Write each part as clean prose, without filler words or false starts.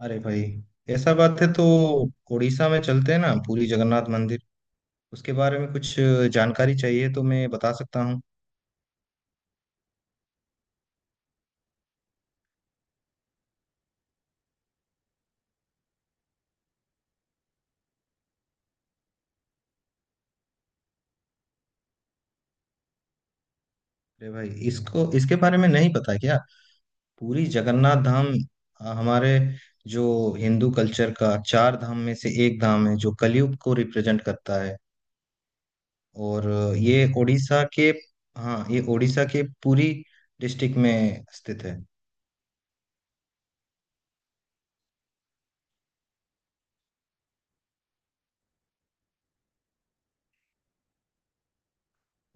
अरे भाई, ऐसा बात है तो उड़ीसा में चलते हैं ना, पुरी जगन्नाथ मंदिर। उसके बारे में कुछ जानकारी चाहिए तो मैं बता सकता हूँ। अरे भाई, इसको इसके बारे में नहीं पता क्या? पुरी जगन्नाथ धाम, हमारे जो हिंदू कल्चर का चार धाम में से एक धाम है, जो कलयुग को रिप्रेजेंट करता है। और ये उड़ीसा के हाँ, ये उड़ीसा के पुरी डिस्ट्रिक्ट में स्थित है।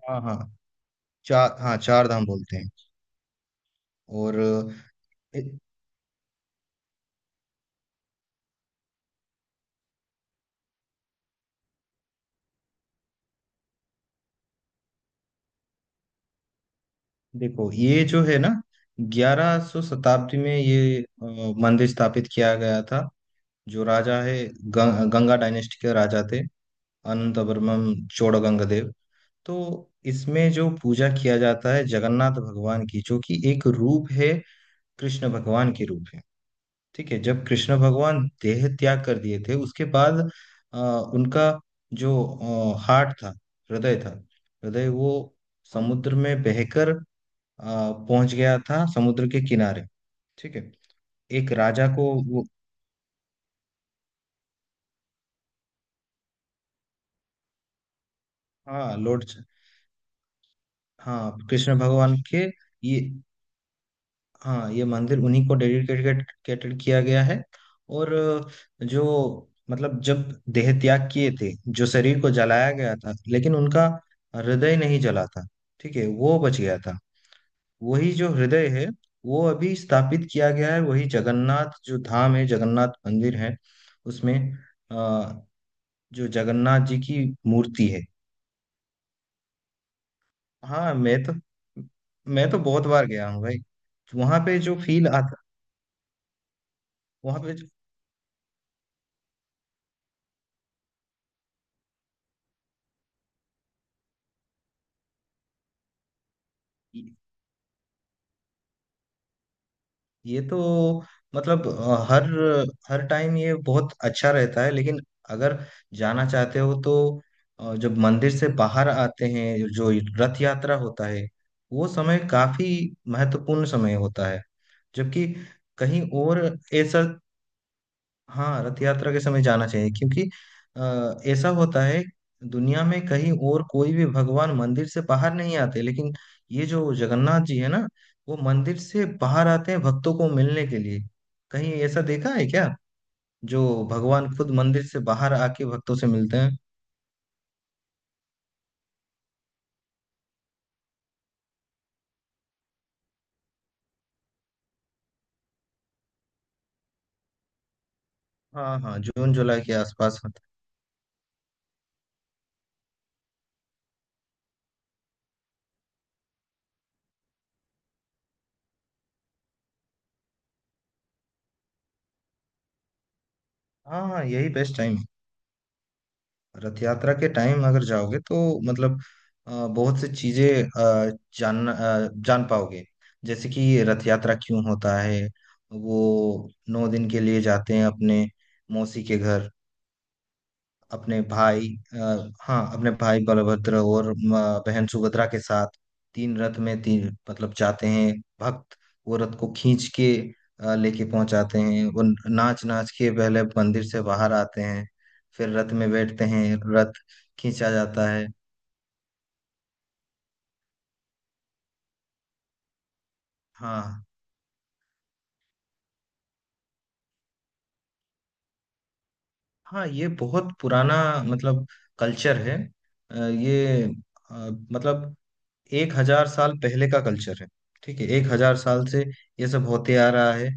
हाँ, हाँ, चार धाम बोलते हैं। और अ, देखो, ये जो है ना, 1100 शताब्दी में ये मंदिर स्थापित किया गया था। जो राजा है, गंगा डायनेस्टी के राजा थे, अनंतवर्मन चोड़गंगदेव। तो इसमें जो पूजा किया जाता है जगन्नाथ भगवान की, जो कि एक रूप है, कृष्ण भगवान के रूप है। ठीक है। जब कृष्ण भगवान देह त्याग कर दिए थे, उसके बाद अ, उनका जो हार्ट था, हृदय था, हृदय वो समुद्र में बहकर पहुंच गया था समुद्र के किनारे। ठीक है। एक राजा को, वो, हाँ, लॉर्ड। हाँ, कृष्ण भगवान के। ये, हाँ, ये मंदिर उन्हीं को डेडिकेटेड किया गया है। और जो मतलब जब देह त्याग किए थे, जो शरीर को जलाया गया था, लेकिन उनका हृदय नहीं जला था। ठीक है, वो बच गया था। वही जो हृदय है, वो अभी स्थापित किया गया है। वही जगन्नाथ जो धाम है, जगन्नाथ मंदिर है, उसमें जो जगन्नाथ जी की मूर्ति है। हाँ, मैं तो बहुत बार गया हूँ भाई। वहां पे जो फील आता, वहां पे ये तो मतलब हर हर टाइम ये बहुत अच्छा रहता है, लेकिन अगर जाना चाहते हो तो जब मंदिर से बाहर आते हैं जो रथ यात्रा होता है, वो समय काफी महत्वपूर्ण समय होता है। जबकि कहीं और ऐसा, हाँ, रथ यात्रा के समय जाना चाहिए, क्योंकि ऐसा होता है, दुनिया में कहीं और कोई भी भगवान मंदिर से बाहर नहीं आते, लेकिन ये जो जगन्नाथ जी है ना, वो मंदिर से बाहर आते हैं भक्तों को मिलने के लिए। कहीं ऐसा देखा है क्या, जो भगवान खुद मंदिर से बाहर आके भक्तों से मिलते हैं? हाँ, हाँ, जून जुलाई के आसपास होता है। हाँ, हाँ, यही बेस्ट टाइम है। रथ यात्रा के टाइम अगर जाओगे तो मतलब बहुत सी चीजें जान पाओगे। जैसे कि रथ यात्रा क्यों होता है, वो 9 दिन के लिए जाते हैं अपने मौसी के घर। अपने भाई आ, हाँ, अपने भाई बलभद्र और बहन सुभद्रा के साथ। तीन रथ में, तीन मतलब जाते हैं भक्त। वो रथ को खींच के लेके पहुंचाते हैं। वो नाच नाच के पहले मंदिर से बाहर आते हैं, फिर रथ में बैठते हैं, रथ खींचा जाता है। हाँ, हाँ, ये बहुत पुराना मतलब कल्चर है। अ, ये अ, मतलब 1,000 साल पहले का कल्चर है। ठीक है, 1,000 साल से ये सब होते आ रहा है।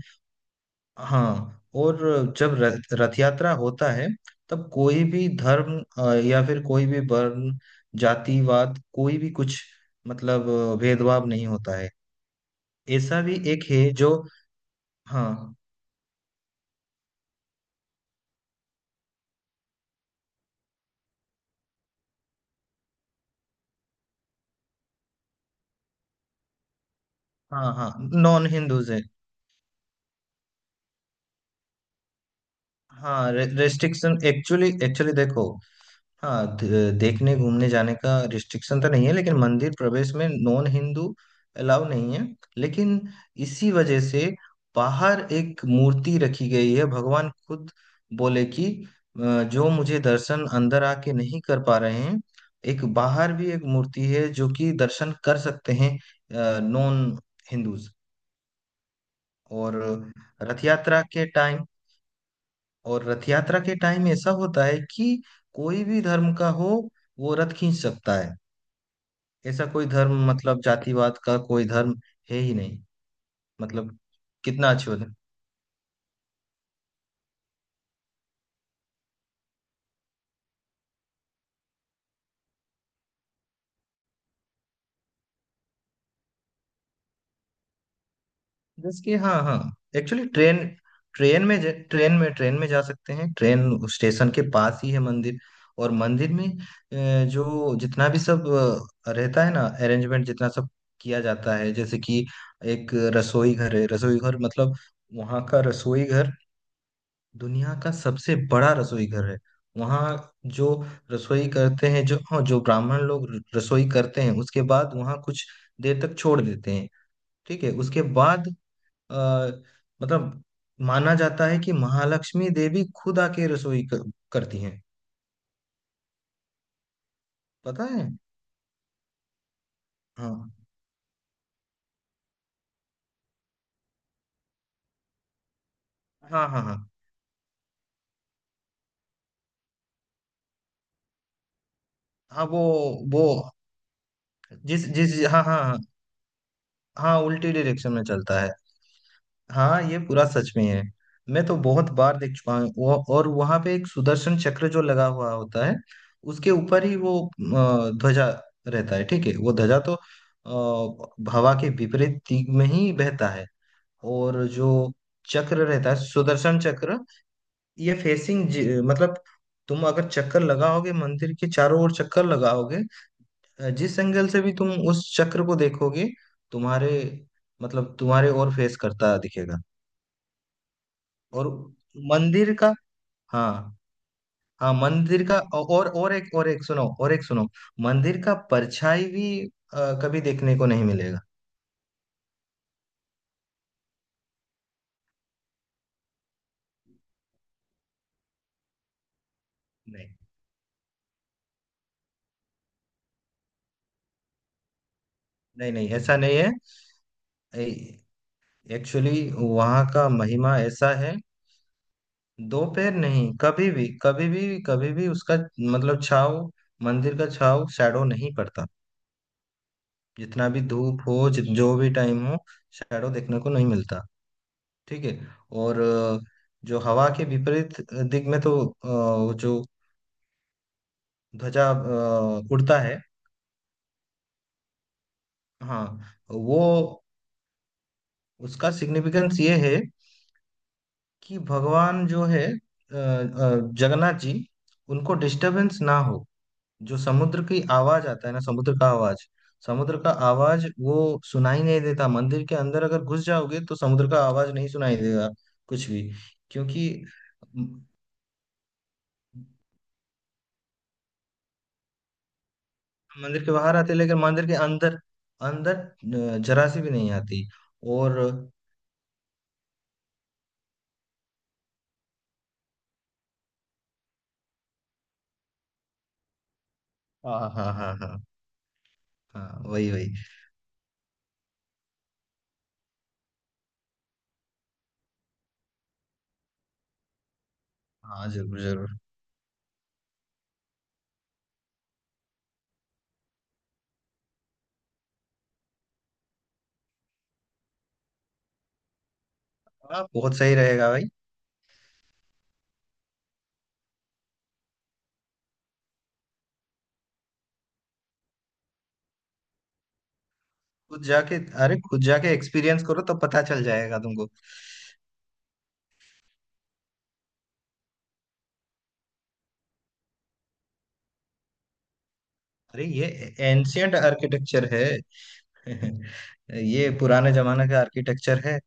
हाँ, और जब रथ रथ यात्रा होता है, तब कोई भी धर्म, या फिर कोई भी वर्ण, जातिवाद, कोई भी कुछ मतलब भेदभाव नहीं होता है। ऐसा भी एक है जो, हाँ, हाँ, हाँ, नॉन हिंदूज है। हाँ, रेस्ट्रिक्शन, एक्चुअली एक्चुअली देखो। हाँ, देखने घूमने जाने का रिस्ट्रिक्शन तो नहीं है, लेकिन मंदिर प्रवेश में नॉन हिंदू अलाउ नहीं है। लेकिन इसी वजह से बाहर एक मूर्ति रखी गई है। भगवान खुद बोले कि जो मुझे दर्शन अंदर आके नहीं कर पा रहे हैं, एक बाहर भी एक मूर्ति है जो कि दर्शन कर सकते हैं, नॉन हिंदूज। और रथ यात्रा के टाइम और रथ यात्रा के टाइम ऐसा होता है कि कोई भी धर्म का हो, वो रथ खींच सकता है। ऐसा कोई धर्म मतलब जातिवाद का कोई धर्म है ही नहीं। मतलब कितना अच्छी बात है। जैसे कि, हाँ, हाँ, एक्चुअली ट्रेन ट्रेन में ज- ट्रेन में जा सकते हैं। ट्रेन स्टेशन के पास ही है मंदिर। और मंदिर में जो जितना भी सब रहता है ना अरेंजमेंट, जितना सब किया जाता है, जैसे कि एक रसोई घर है। रसोई घर मतलब वहाँ का रसोई घर दुनिया का सबसे बड़ा रसोई घर है वहाँ। जो रसोई करते हैं जो, हाँ, जो ब्राह्मण लोग रसोई करते हैं, उसके बाद वहाँ कुछ देर तक छोड़ देते हैं। ठीक है, उसके बाद आ, मतलब माना जाता है कि महालक्ष्मी देवी खुद आके रसोई करती हैं। पता है? हाँ, हाँ, हाँ, हाँ, हाँ, वो जिस जिस, हाँ, हाँ, हाँ, हाँ, उल्टी डायरेक्शन में चलता है। हाँ, ये पूरा सच में है। मैं तो बहुत बार देख चुका हूँ। और वहां पे एक सुदर्शन चक्र जो लगा हुआ होता है, उसके ऊपर ही वो ध्वजा रहता है। ठीक है, वो ध्वजा तो हवा के विपरीत दिग में ही बहता है। और जो चक्र रहता है, सुदर्शन चक्र, ये फेसिंग मतलब तुम अगर चक्कर लगाओगे, मंदिर के चारों ओर चक्कर लगाओगे, जिस एंगल से भी तुम उस चक्र को देखोगे, तुम्हारे तुम्हारे ओर फेस करता दिखेगा। और मंदिर का, हाँ, हाँ, मंदिर का, और एक, और एक सुनो, और एक सुनो, मंदिर का परछाई भी कभी देखने को नहीं मिलेगा। नहीं, नहीं, नहीं, ऐसा नहीं है। एक्चुअली वहाँ का महिमा ऐसा है। दो पैर नहीं, कभी भी, कभी भी, कभी भी उसका, मतलब छाव, मंदिर का छाव शैडो नहीं पड़ता। जितना भी धूप हो, जो भी टाइम हो, शैडो देखने को नहीं मिलता। ठीक है। और जो हवा के विपरीत दिग में, तो वो जो ध्वजा उड़ता है। हाँ, वो उसका सिग्निफिकेंस ये है कि भगवान जो है, जगन्नाथ जी, उनको डिस्टरबेंस ना हो। जो समुद्र की आवाज आता है ना, समुद्र का आवाज वो सुनाई नहीं देता। मंदिर के अंदर अगर घुस जाओगे तो समुद्र का आवाज नहीं सुनाई देगा, कुछ भी। क्योंकि मंदिर के बाहर आती है, लेकिन मंदिर के अंदर अंदर जरा सी भी नहीं आती। और हाँ, हाँ, हाँ, हाँ, हाँ, हाँ, वही वही, हाँ, जरूर जरूर, हाँ, बहुत सही रहेगा भाई। खुद जाके अरे, खुद जाके एक्सपीरियंस करो तो पता चल जाएगा तुमको। अरे, ये एंशियंट आर्किटेक्चर है। ये पुराने जमाने का आर्किटेक्चर है।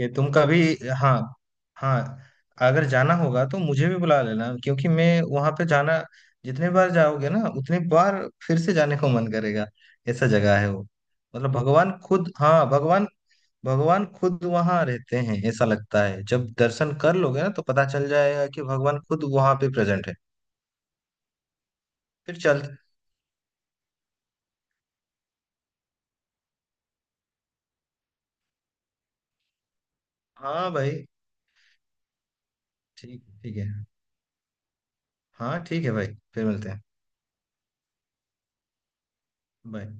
ये तुम कभी, हाँ, हाँ, अगर जाना होगा तो मुझे भी बुला लेना, क्योंकि मैं वहां पे जाना। जितने बार जाओगे ना, उतने बार फिर से जाने को मन करेगा। ऐसा जगह है वो। मतलब भगवान खुद, हाँ, भगवान भगवान खुद वहां रहते हैं, ऐसा लगता है। जब दर्शन कर लोगे ना, तो पता चल जाएगा कि भगवान खुद वहां पे प्रेजेंट है। फिर चल। हाँ भाई, ठीक ठीक है। हाँ, ठीक है भाई, फिर मिलते हैं। बाय।